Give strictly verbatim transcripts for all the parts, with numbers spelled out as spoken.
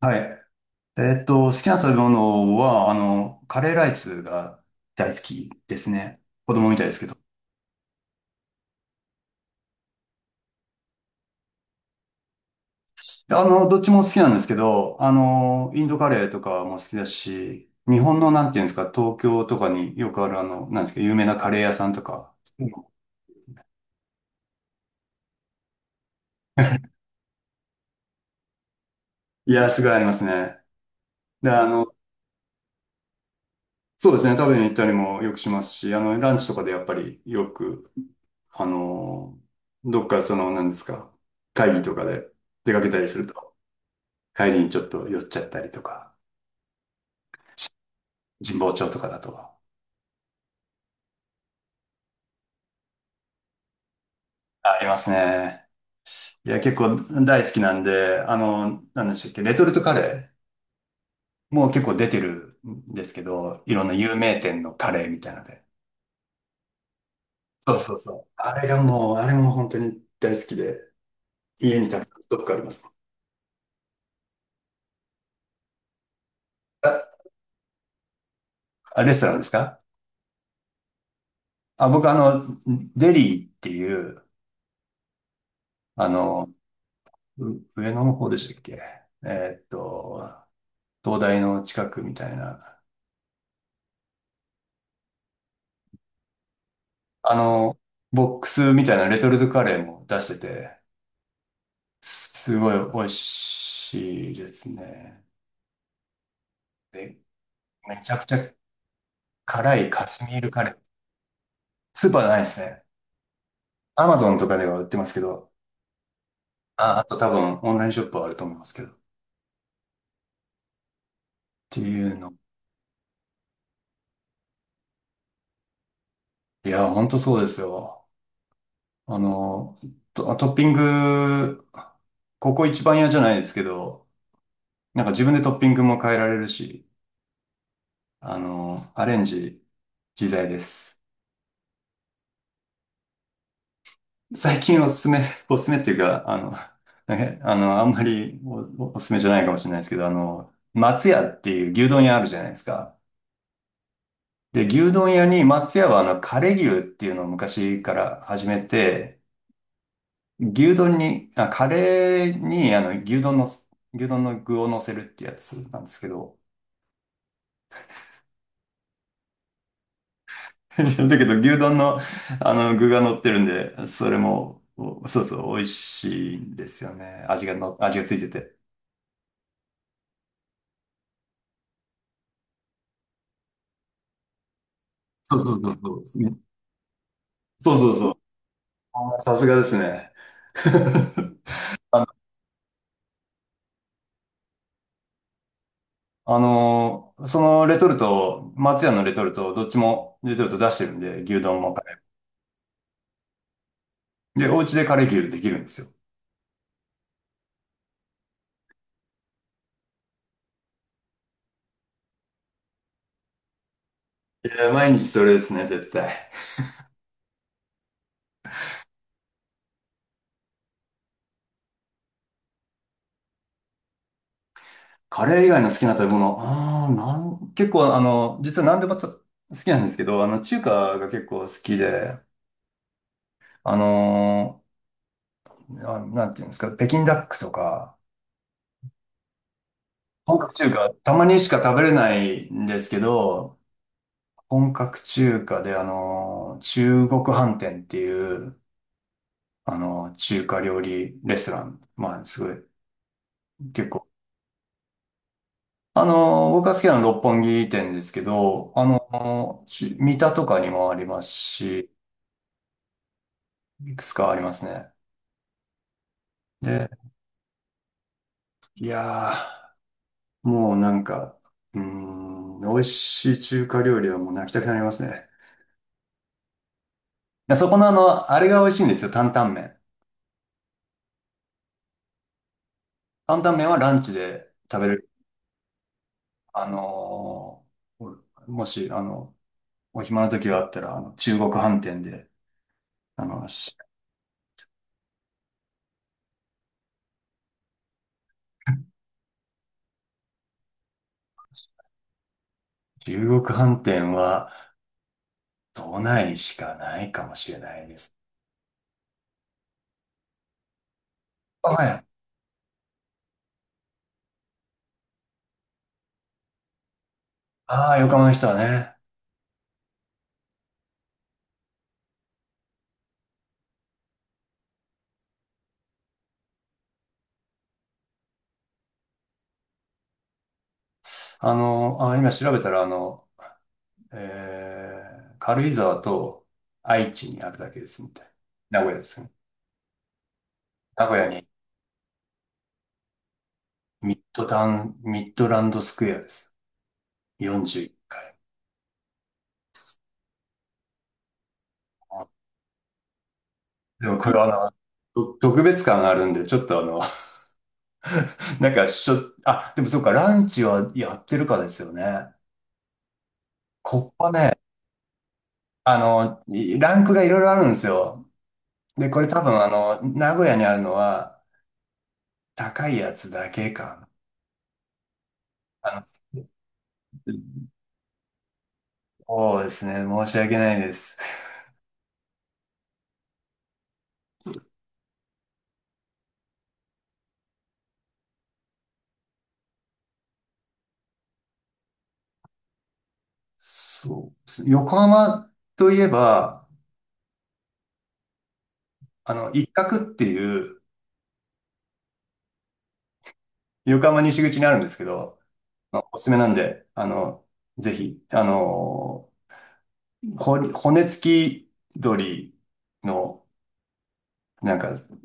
はい。えっと、好きな食べ物は、あの、カレーライスが大好きですね。子供みたいですけど。あの、どっちも好きなんですけど、あの、インドカレーとかも好きだし、日本の、なんていうんですか、東京とかによくある、あの、なんですか、有名なカレー屋さんとか。うん。いや、すごいありますね。で、あの、そうですね、食べに行ったりもよくしますし、あの、ランチとかでやっぱりよく、あの、どっかその、なんですか、会議とかで出かけたりすると、帰りにちょっと酔っちゃったりとか、神保町とかだと。ありますね。いや、結構大好きなんで、あの、何でしたっけ、レトルトカレーもう結構出てるんですけど、いろんな有名店のカレーみたいなので。そうそうそう。あれがもう、あれも本当に大好きで、家にたくさんストックあります。あ、あレストランですか？あ、僕、あの、デリーっていう、あの、う上野の方でしたっけ？えーっと、東大の近くみたいな。あの、ボックスみたいなレトルトカレーも出してて、すごい美味しいですね。で、めちゃくちゃ辛いカシミールカレー。スーパーじゃないですね。アマゾンとかでは売ってますけど、あ、あと多分オンラインショップはあると思いますけど、っていうの。いや、ほんとそうですよ。あの、ト、トッピング、ここ一番嫌じゃないですけど、なんか自分でトッピングも変えられるし、あの、アレンジ自在です。最近おすすめ、おすすめっていうか、あの、なんか、あの、あんまりお、おすすめじゃないかもしれないですけど、あの、松屋っていう牛丼屋あるじゃないですか。で、牛丼屋に松屋は、あの、カレー牛っていうのを昔から始めて、牛丼に、あ、カレーに、あの、牛丼の、牛丼の具を乗せるってやつなんですけど、だけど牛丼の、あの、具が乗ってるんで、それも、おそうそう、美味しいんですよね。味がの、味がついてて。そうそうそうそう。ね、そうそう、あーさすがですね。あのーそのレトルト、松屋のレトルト、どっちもレトルト出してるんで、牛丼もカレー。で、お家でカレー牛できるんですよ。いや、毎日それですね、絶対。カレー以外の好きな食べ物、あーなん、結構、あの、実は何でも好きなんですけど、あの、中華が結構好きで、あのーあ、なんていうんですか、北京ダックとか、本格中華、たまにしか食べれないんですけど、本格中華で、あの、中国飯店っていう、あの、中華料理レストラン。まあ、すごい、結構。あの、僕が好きなのは六本木店ですけど、あの、ち三田とかにもありますし、いくつかありますね。で、いやー、もうなんか、うーん、美味しい中華料理はもう泣きたくなりますね。いやそこの、あの、あれが美味しいんですよ、担々麺。担々麺はランチで食べる。あのーもし、あの、お暇な時があったら、あの、中国飯店で、あの、し中国飯店は都内しかないかもしれないです。あ、はい。ああ、横浜の人はね。あの、あ、今調べたら、あの、えー、軽井沢と愛知にあるだけですみたい。名古屋ですね。名古屋にミッドタウン、ミッドランドスクエアです。よんじゅういっかい。でもこれは、あの、と特別感があるんで、ちょっと、あの、なんかしょ、あ、でもそうか、ランチはやってるかですよね。ここね、あの、いランクがいろいろあるんですよ。で、これ多分、あの、名古屋にあるのは高いやつだけかな。あの、そうですね、申し訳ないです。そう。横浜といえば、あの、一角っていう、横浜西口にあるんですけど、まあおすすめなんで、あの、ぜひ、あの、ほ骨付き鳥の、なんか、そう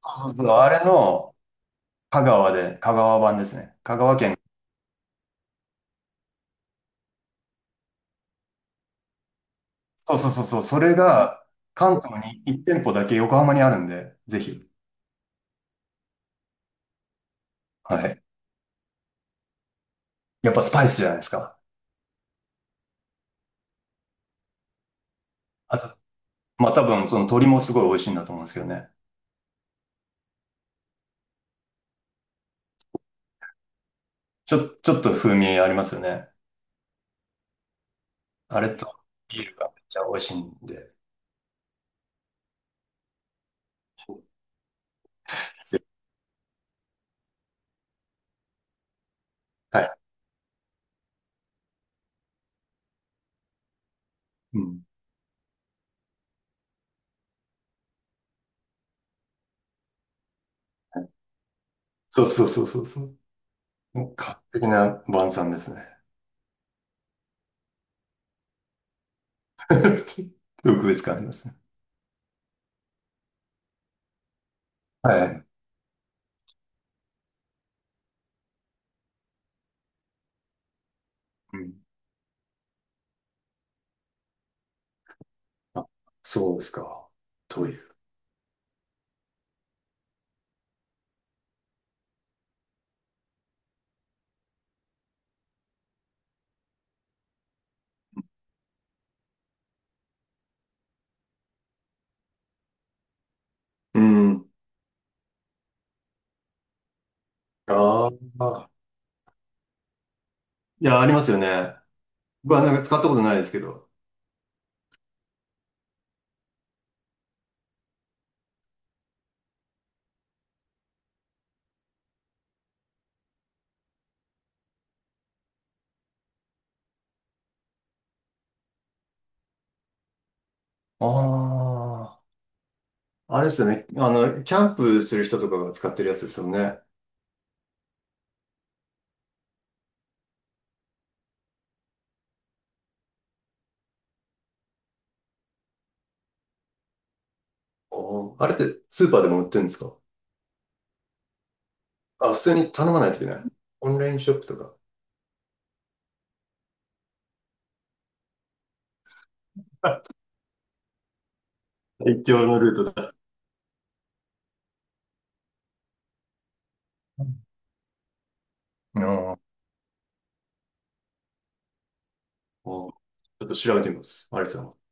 そうそう、あれの、香川で、香川版ですね。香川県。そうそうそうそう。それが関東にいち店舗だけ横浜にあるんで、ぜひ。はい。やっぱスパイスじゃないですか。あと、まあ多分その鶏もすごい美味しいんだと思うんですけどね。ちょ、ちょっと風味ありますよね。あれとビールがめっちゃ美味しいんで。ぜひ。はい。うん。そうそうそうそうそう。もう完璧な晩餐ですね。特別感ありますね。はい。うん。あ、そうですか、という。うん。ああ。いや、ありますよね。僕はなんか使ったことないですけど。ああ、あれですよね。あの、キャンプしてる人とかが使ってるやつですよね。お、ーあれってスーパーでも売ってるんですか？あ、普通に頼まないといけない。オンラインショップとか。一応のルートだ。あー、おーちょっと調べてみます。ありがとうございます。